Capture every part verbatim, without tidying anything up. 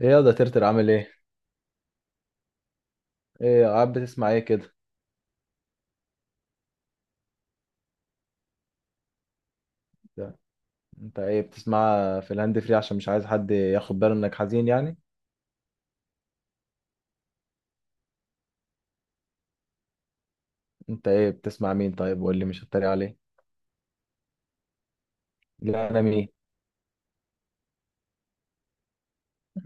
ايه يا ده ترتر عامل ايه؟ ايه قاعد بتسمع ايه كده؟ ده- انت ايه بتسمع في الهاند فري عشان مش عايز حد ياخد باله انك حزين يعني؟ انت ايه بتسمع مين طيب، وقول لي مش هتريق عليه. لا انا مين؟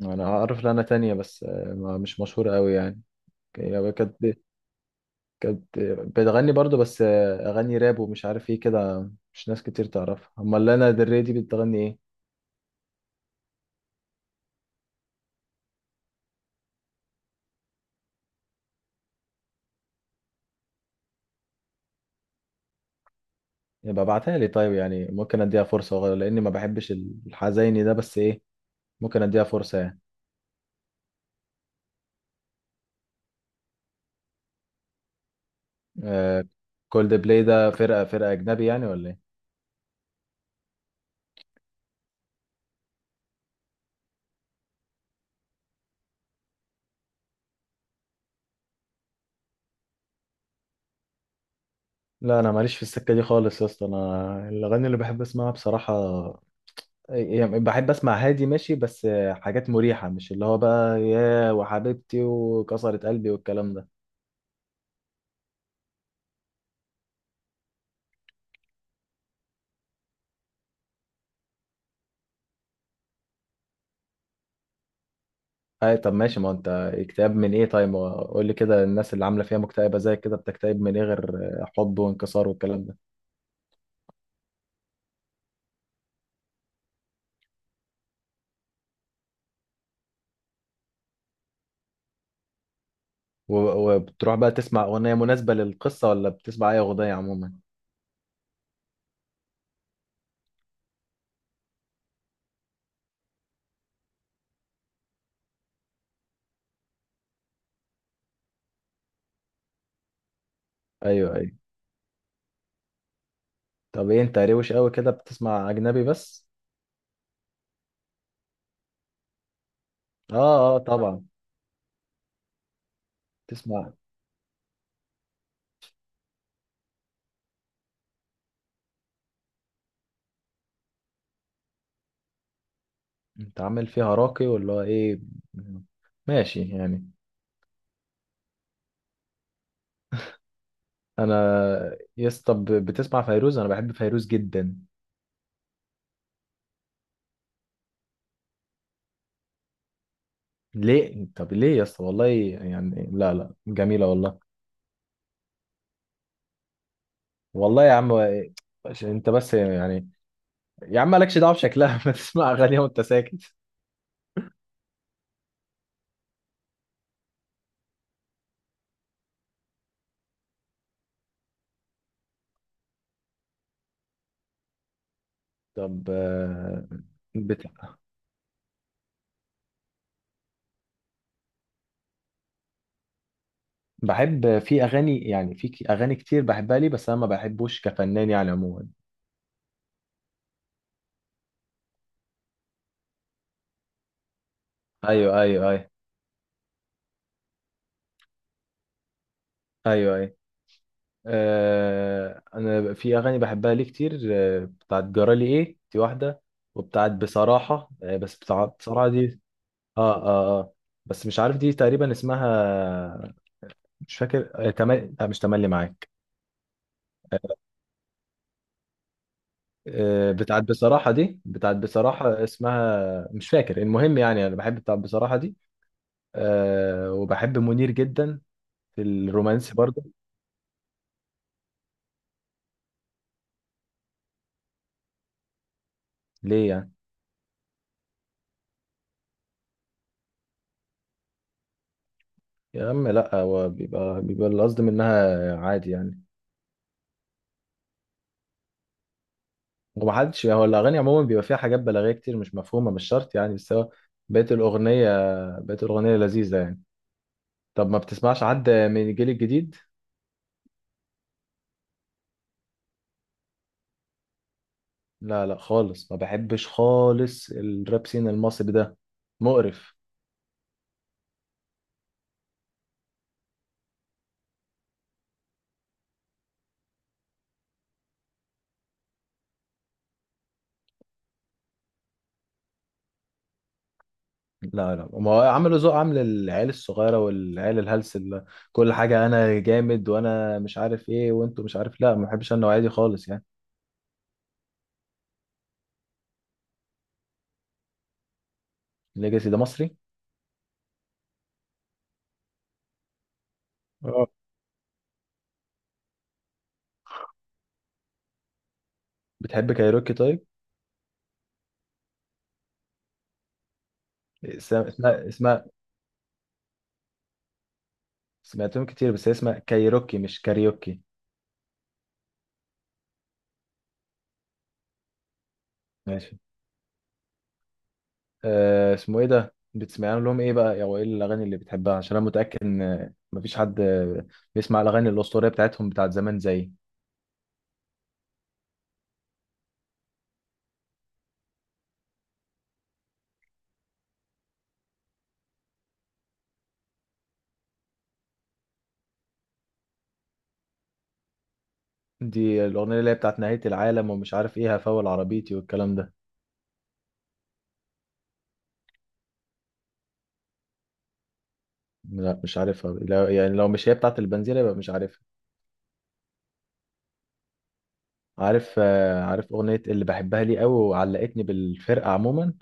انا اعرف لها، انا تانية بس آه، ما- مش مشهورة قوي يعني. هي كانت كانت بتغني برضو، بس آه، اغاني راب ومش عارف ايه كده، مش ناس كتير تعرفها. امال لانا دل ري دي بتغني ايه؟ يبقى ابعتها لي طيب، يعني ممكن اديها فرصة لاني ما بحبش الحزيني ده، بس ايه، ممكن اديها فرصة يعني. كولد بلاي ده فرقة فرقة أجنبي يعني ولا إيه؟ لا انا ماليش في السكه دي خالص يا اسطى، انا الاغاني اللي بحب اسمعها بصراحه آه، يعني بحب اسمع هادي ماشي، بس حاجات مريحه، مش اللي هو بقى يا وحبيبتي وكسرت قلبي والكلام ده. اي طب ماشي، ما هو انت اكتئاب من ايه طيب، قول لي كده، الناس اللي عامله فيها مكتئبه زي كده بتكتئب من ايه غير حب وانكسار والكلام ده؟ و- وبتروح بقى تسمع اغنيه مناسبه للقصه، ولا بتسمع اي اغنيه عموما؟ ايوه، ايوه. طب ايه، انت روش قوي كده بتسمع اجنبي بس؟ اه، اه، طبعا. تسمع. انت عامل فيها راقي ولا ايه؟ ماشي يعني. انا يا اسطى ب- بتسمع فيروز، انا بحب فيروز جدا. ليه طب ليه يا اسطى، والله يعني لا لا جميله والله. والله يا عم، عشان انت بس يعني. يا عم مالكش دعوه بشكلها ما تسمع اغانيها وانت ساكت. طب آه، بت... بحب في اغاني يعني، في ك- اغاني كتير بحبها لي، بس انا ما بحبوش كفنان يعني عموما. ايوه، ايوه، ايوه، ايوه، ايوه. آه، انا في اغاني بحبها ليه كتير، آه، بتاعت جرالي ايه دي واحده، وبتاعت بصراحه آه، بس بتاعت بصراحه دي. اه، اه، اه. بس مش عارف دي تقريبا اسمها، مش فاكر. آه تمل... لا، مش تملي معاك. آه بتاعت بصراحه دي، بتاعت بصراحه اسمها مش فاكر، المهم يعني انا بحب بتاعت بصراحه دي. آه وبحب منير جدا، في الرومانسي برضه. ليه يعني؟ يا عم لا، هو بيبقى بيبقى القصد منها عادي يعني. ومحدش يعني، هو الأغاني عموما بيبقى فيها حاجات بلاغية كتير مش مفهومة، مش شرط يعني، بس هو بقيت الأغنية بقيت الأغنية لذيذة يعني. طب ما بتسمعش حد من الجيل الجديد؟ لا لا خالص، ما بحبش خالص الراب سين المصري ده، مقرف. لا لا، ما هو عملوا ذوق عامل العيال الصغيرة والعيال الهلس، اللي كل حاجة أنا جامد وأنا مش عارف إيه وأنتوا مش عارف، لا ما بحبش أنا النوعية دي خالص يعني. ليجاسي ده مصري؟ اه. بتحب كايروكي طيب؟ اسمها اسمها سمعتهم كتير، بس هي اسمها كايروكي مش كاريوكي. ماشي. آه اسمه ايه ده، بتسمعهم لهم ايه بقى، او ايه الاغاني اللي بتحبها؟ عشان انا متاكد ان مفيش حد آه، بيسمع الاغاني الاسطوريه بتاعتهم بتاعت زمان زي دي الاغنيه اللي هي بتاعت نهايه العالم ومش عارف ايه، هفول عربيتي والكلام ده. لا مش عارفها، لا، يعني لو مش هي بتاعت البنزيره يبقى مش عارفها. عارف آه، عارف اغنيه اللي بحبها لي قوي وعلقتني بالفرقه عموما.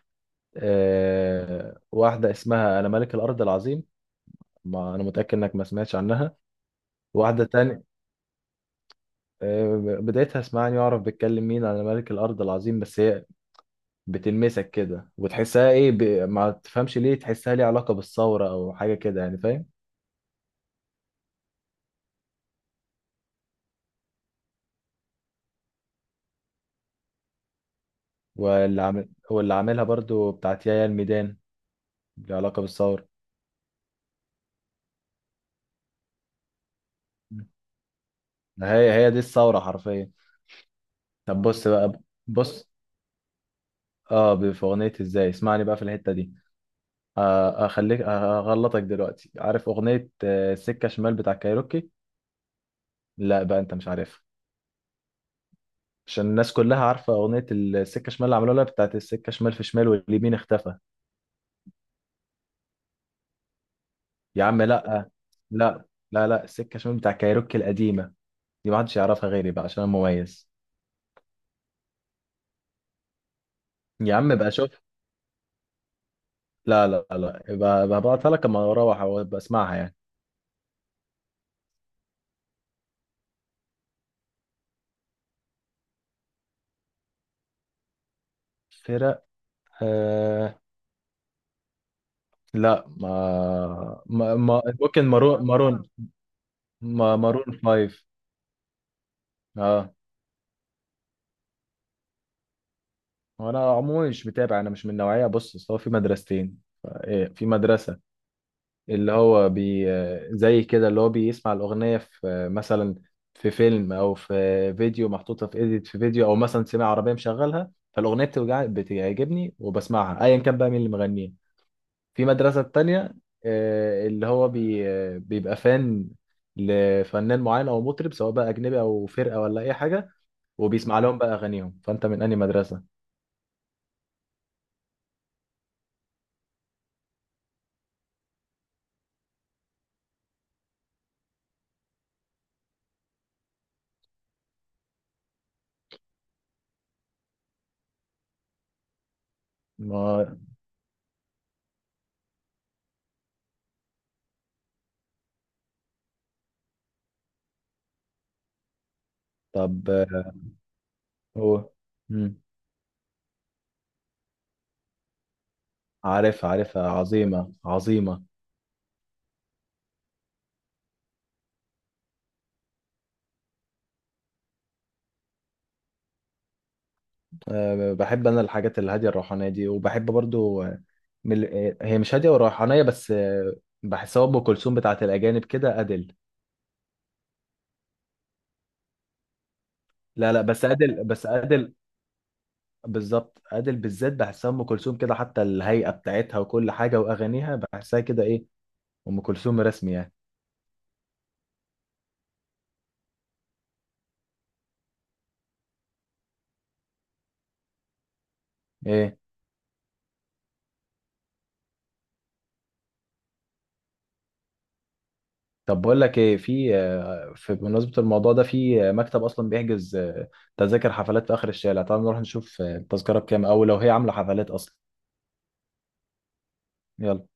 آه، واحده اسمها انا ملك الارض العظيم، ما انا متاكد انك ما سمعتش عنها. واحدة تانية، آه، بدايتها اسمعني واعرف بيتكلم مين على ملك الأرض العظيم، بس هي بتلمسك كده وتحسها إيه، ب... ما تفهمش ليه تحسها ليه علاقة بالثورة أو حاجة كده يعني فاهم. واللي عامل واللي عاملها برضو بتاعت يايا الميدان ليه علاقة بالثورة. هي هي دي الثورة حرفيا. طب بص بقى، بص. اه، في أغنية إزاي اسمعني بقى في الحتة دي، آه، أخليك أغلطك دلوقتي. عارف أغنية آه، سكة شمال بتاع كايروكي؟ لا بقى أنت مش عارفها، عشان الناس كلها عارفة أغنية السكة شمال اللي عملوها لها بتاعت السكة شمال في شمال واليمين اختفى. يا عم لأ، لأ. لا لا، السكة شمال بتاع كايروكي القديمة، دي محدش يعرفها غيري بقى عشان أنا مميز. يا عم بقى شوف، لا لا لا، يبقى يبقى هبعتها لك أما أروح وأبقى أسمعها يعني. فرق، آه. لا، ما, ما, ما ممكن مارون مارون ما مارون فايف. اه. وأنا عموما مش متابع، أنا مش من النوعية، بص أصل هو في مدرستين، إيه، في مدرسة اللي هو بي زي كده اللي هو بيسمع الأغنية في مثلا في فيلم أو في فيديو محطوطة في إيديت، في فيديو أو مثلا سمع عربية مشغلها فالأغنية بتوجع- بتعجبني وبسمعها أيا كان بقى مين اللي مغنيها. في مدرسة تانية، آه، اللي هو بي آه، بيبقى فان لفنان معين أو مطرب سواء بقى أجنبي أو فرقة ولا أي حاجة، وبيسمع لهم بقى أغانيهم. فأنت من أنهي مدرسة؟ ما. طب آه، هو. مم. عارفها عارفها، عظيمة عظيمة. آه، بحب انا الحاجات الهاديه الروحانيه دي، وبحب برضو آه، من ال- آه، هي مش هاديه وروحانيه بس آه، بحسها ام كلثوم بتاعت الاجانب كده، ادل. لا لا، بس ادل بس ادل. بالظبط ادل بالذات، بحسها ام كلثوم كده، حتى الهيئه بتاعتها وكل حاجه واغانيها بحسها كده، ايه، ام كلثوم رسمي يعني. ايه طب بقول لك ايه، في آه، في بمناسبه الموضوع ده في آه، مكتب اصلا بيحجز آه، تذاكر حفلات في اخر الشارع، تعال نروح نشوف آه، التذكره بكام، او لو هي عامله حفلات اصلا. يلا.